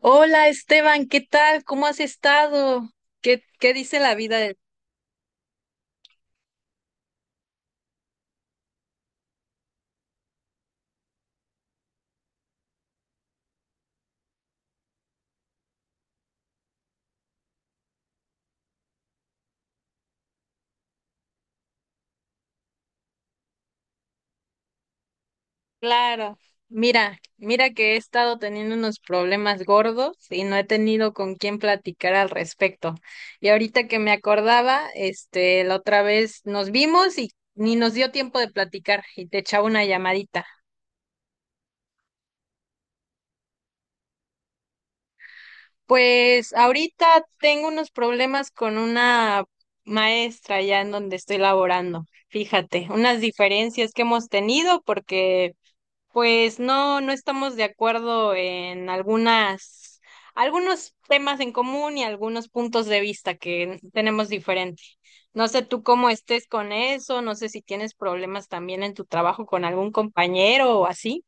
Hola Esteban, ¿qué tal? ¿Cómo has estado? ¿Qué, qué dice la vida del... Claro, mira que he estado teniendo unos problemas gordos y no he tenido con quién platicar al respecto. Y ahorita que me acordaba, este, la otra vez nos vimos y ni nos dio tiempo de platicar y te echaba una llamadita. Pues ahorita tengo unos problemas con una maestra ya en donde estoy laborando. Fíjate, unas diferencias que hemos tenido porque pues no, no estamos de acuerdo en algunas, algunos temas en común y algunos puntos de vista que tenemos diferente. No sé tú cómo estés con eso, no sé si tienes problemas también en tu trabajo con algún compañero o así.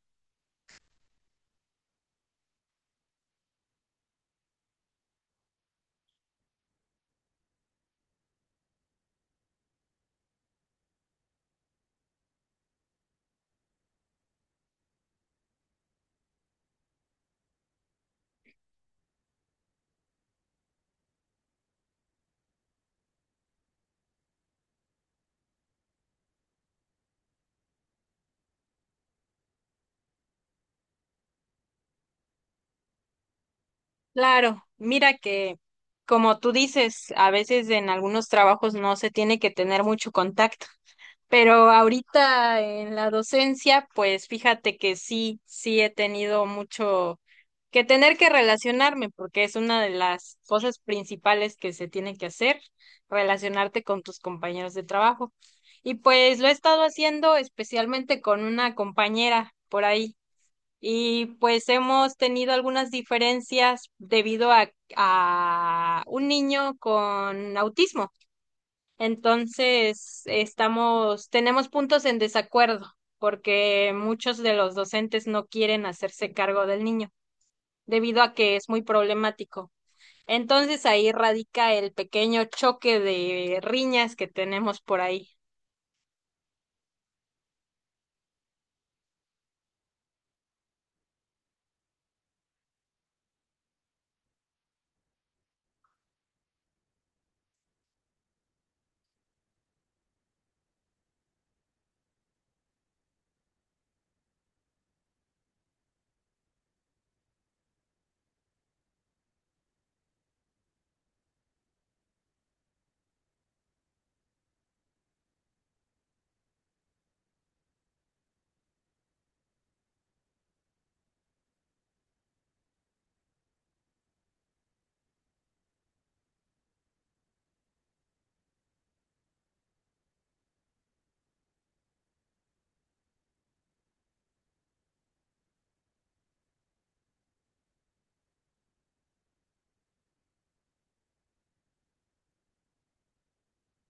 Claro, mira que como tú dices, a veces en algunos trabajos no se tiene que tener mucho contacto, pero ahorita en la docencia, pues fíjate que sí, sí he tenido mucho que tener que relacionarme, porque es una de las cosas principales que se tiene que hacer, relacionarte con tus compañeros de trabajo. Y pues lo he estado haciendo especialmente con una compañera por ahí. Y pues hemos tenido algunas diferencias debido a un niño con autismo. Entonces, estamos, tenemos puntos en desacuerdo porque muchos de los docentes no quieren hacerse cargo del niño debido a que es muy problemático. Entonces, ahí radica el pequeño choque de riñas que tenemos por ahí.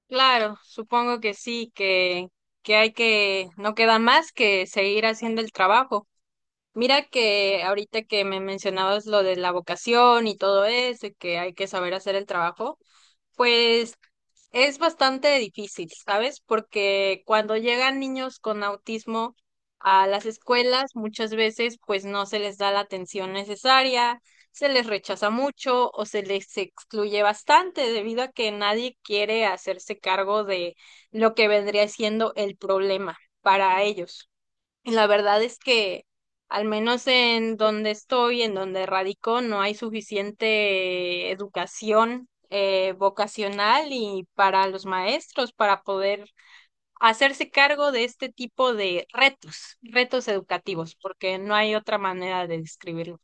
Claro, supongo que sí, que hay que, no queda más que seguir haciendo el trabajo. Mira que ahorita que me mencionabas lo de la vocación y todo eso, y que hay que saber hacer el trabajo, pues es bastante difícil, ¿sabes? Porque cuando llegan niños con autismo a las escuelas, muchas veces pues no se les da la atención necesaria, se les rechaza mucho o se les excluye bastante debido a que nadie quiere hacerse cargo de lo que vendría siendo el problema para ellos. Y la verdad es que, al menos en donde estoy, en donde radico, no hay suficiente educación vocacional y para los maestros para poder hacerse cargo de este tipo de retos, retos educativos, porque no hay otra manera de describirlo.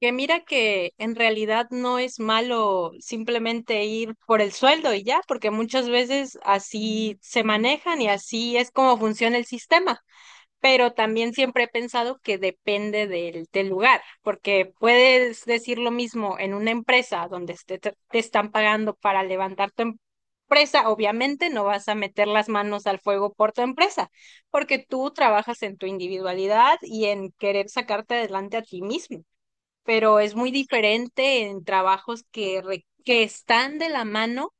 Que mira que en realidad no es malo simplemente ir por el sueldo y ya, porque muchas veces así se manejan y así es como funciona el sistema. Pero también siempre he pensado que depende del, del lugar, porque puedes decir lo mismo en una empresa donde este, te están pagando para levantar tu empresa, obviamente no vas a meter las manos al fuego por tu empresa, porque tú trabajas en tu individualidad y en querer sacarte adelante a ti mismo, pero es muy diferente en trabajos que, que están de la mano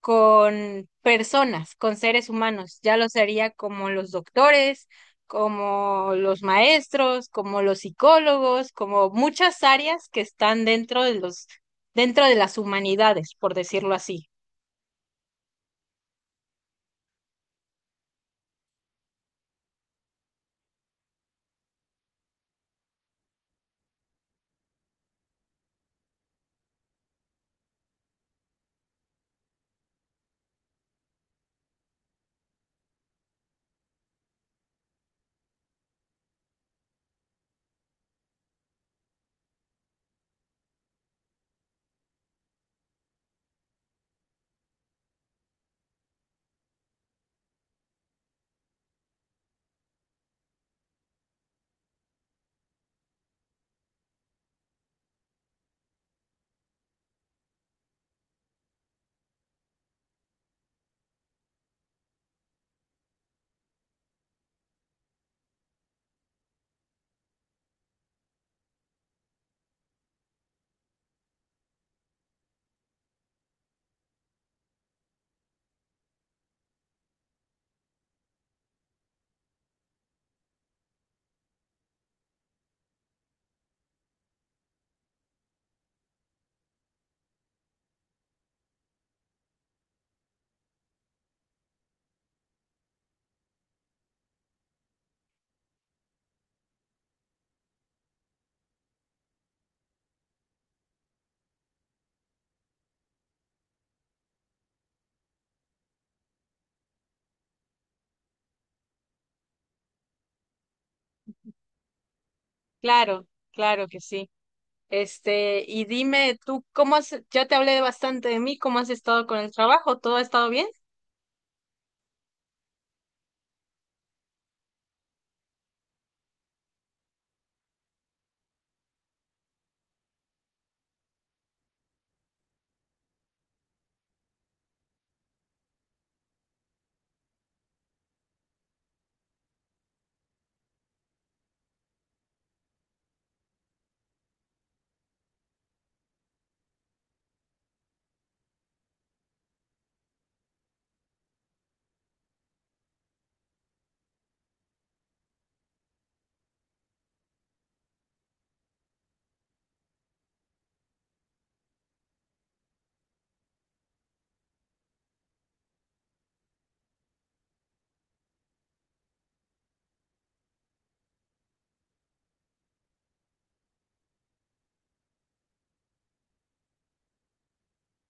con personas, con seres humanos. Ya lo sería como los doctores, como los maestros, como los psicólogos, como muchas áreas que están dentro de los, dentro de las humanidades, por decirlo así. Claro, claro que sí. Este, y dime tú, ¿cómo has, ya te hablé bastante de mí, ¿cómo has estado con el trabajo? ¿Todo ha estado bien?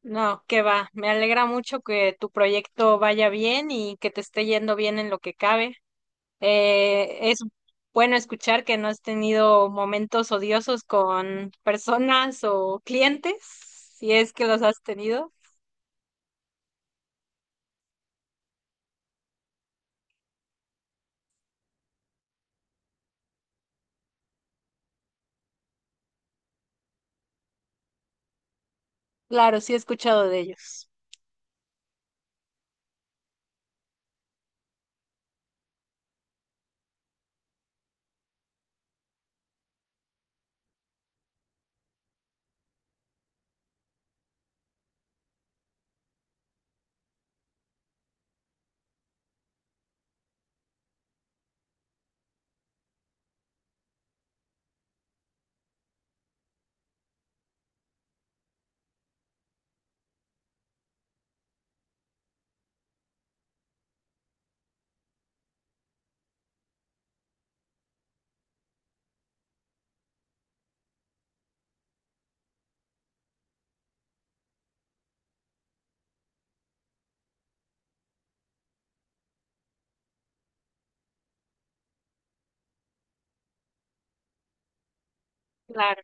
No, que va. Me alegra mucho que tu proyecto vaya bien y que te esté yendo bien en lo que cabe. Es bueno escuchar que no has tenido momentos odiosos con personas o clientes, si es que los has tenido. Claro, sí he escuchado de ellos. Claro.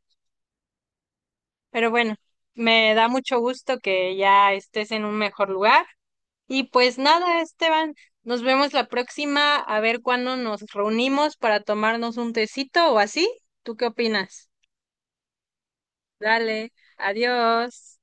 Pero bueno, me da mucho gusto que ya estés en un mejor lugar. Y pues nada, Esteban, nos vemos la próxima a ver cuándo nos reunimos para tomarnos un tecito o así. ¿Tú qué opinas? Dale, adiós.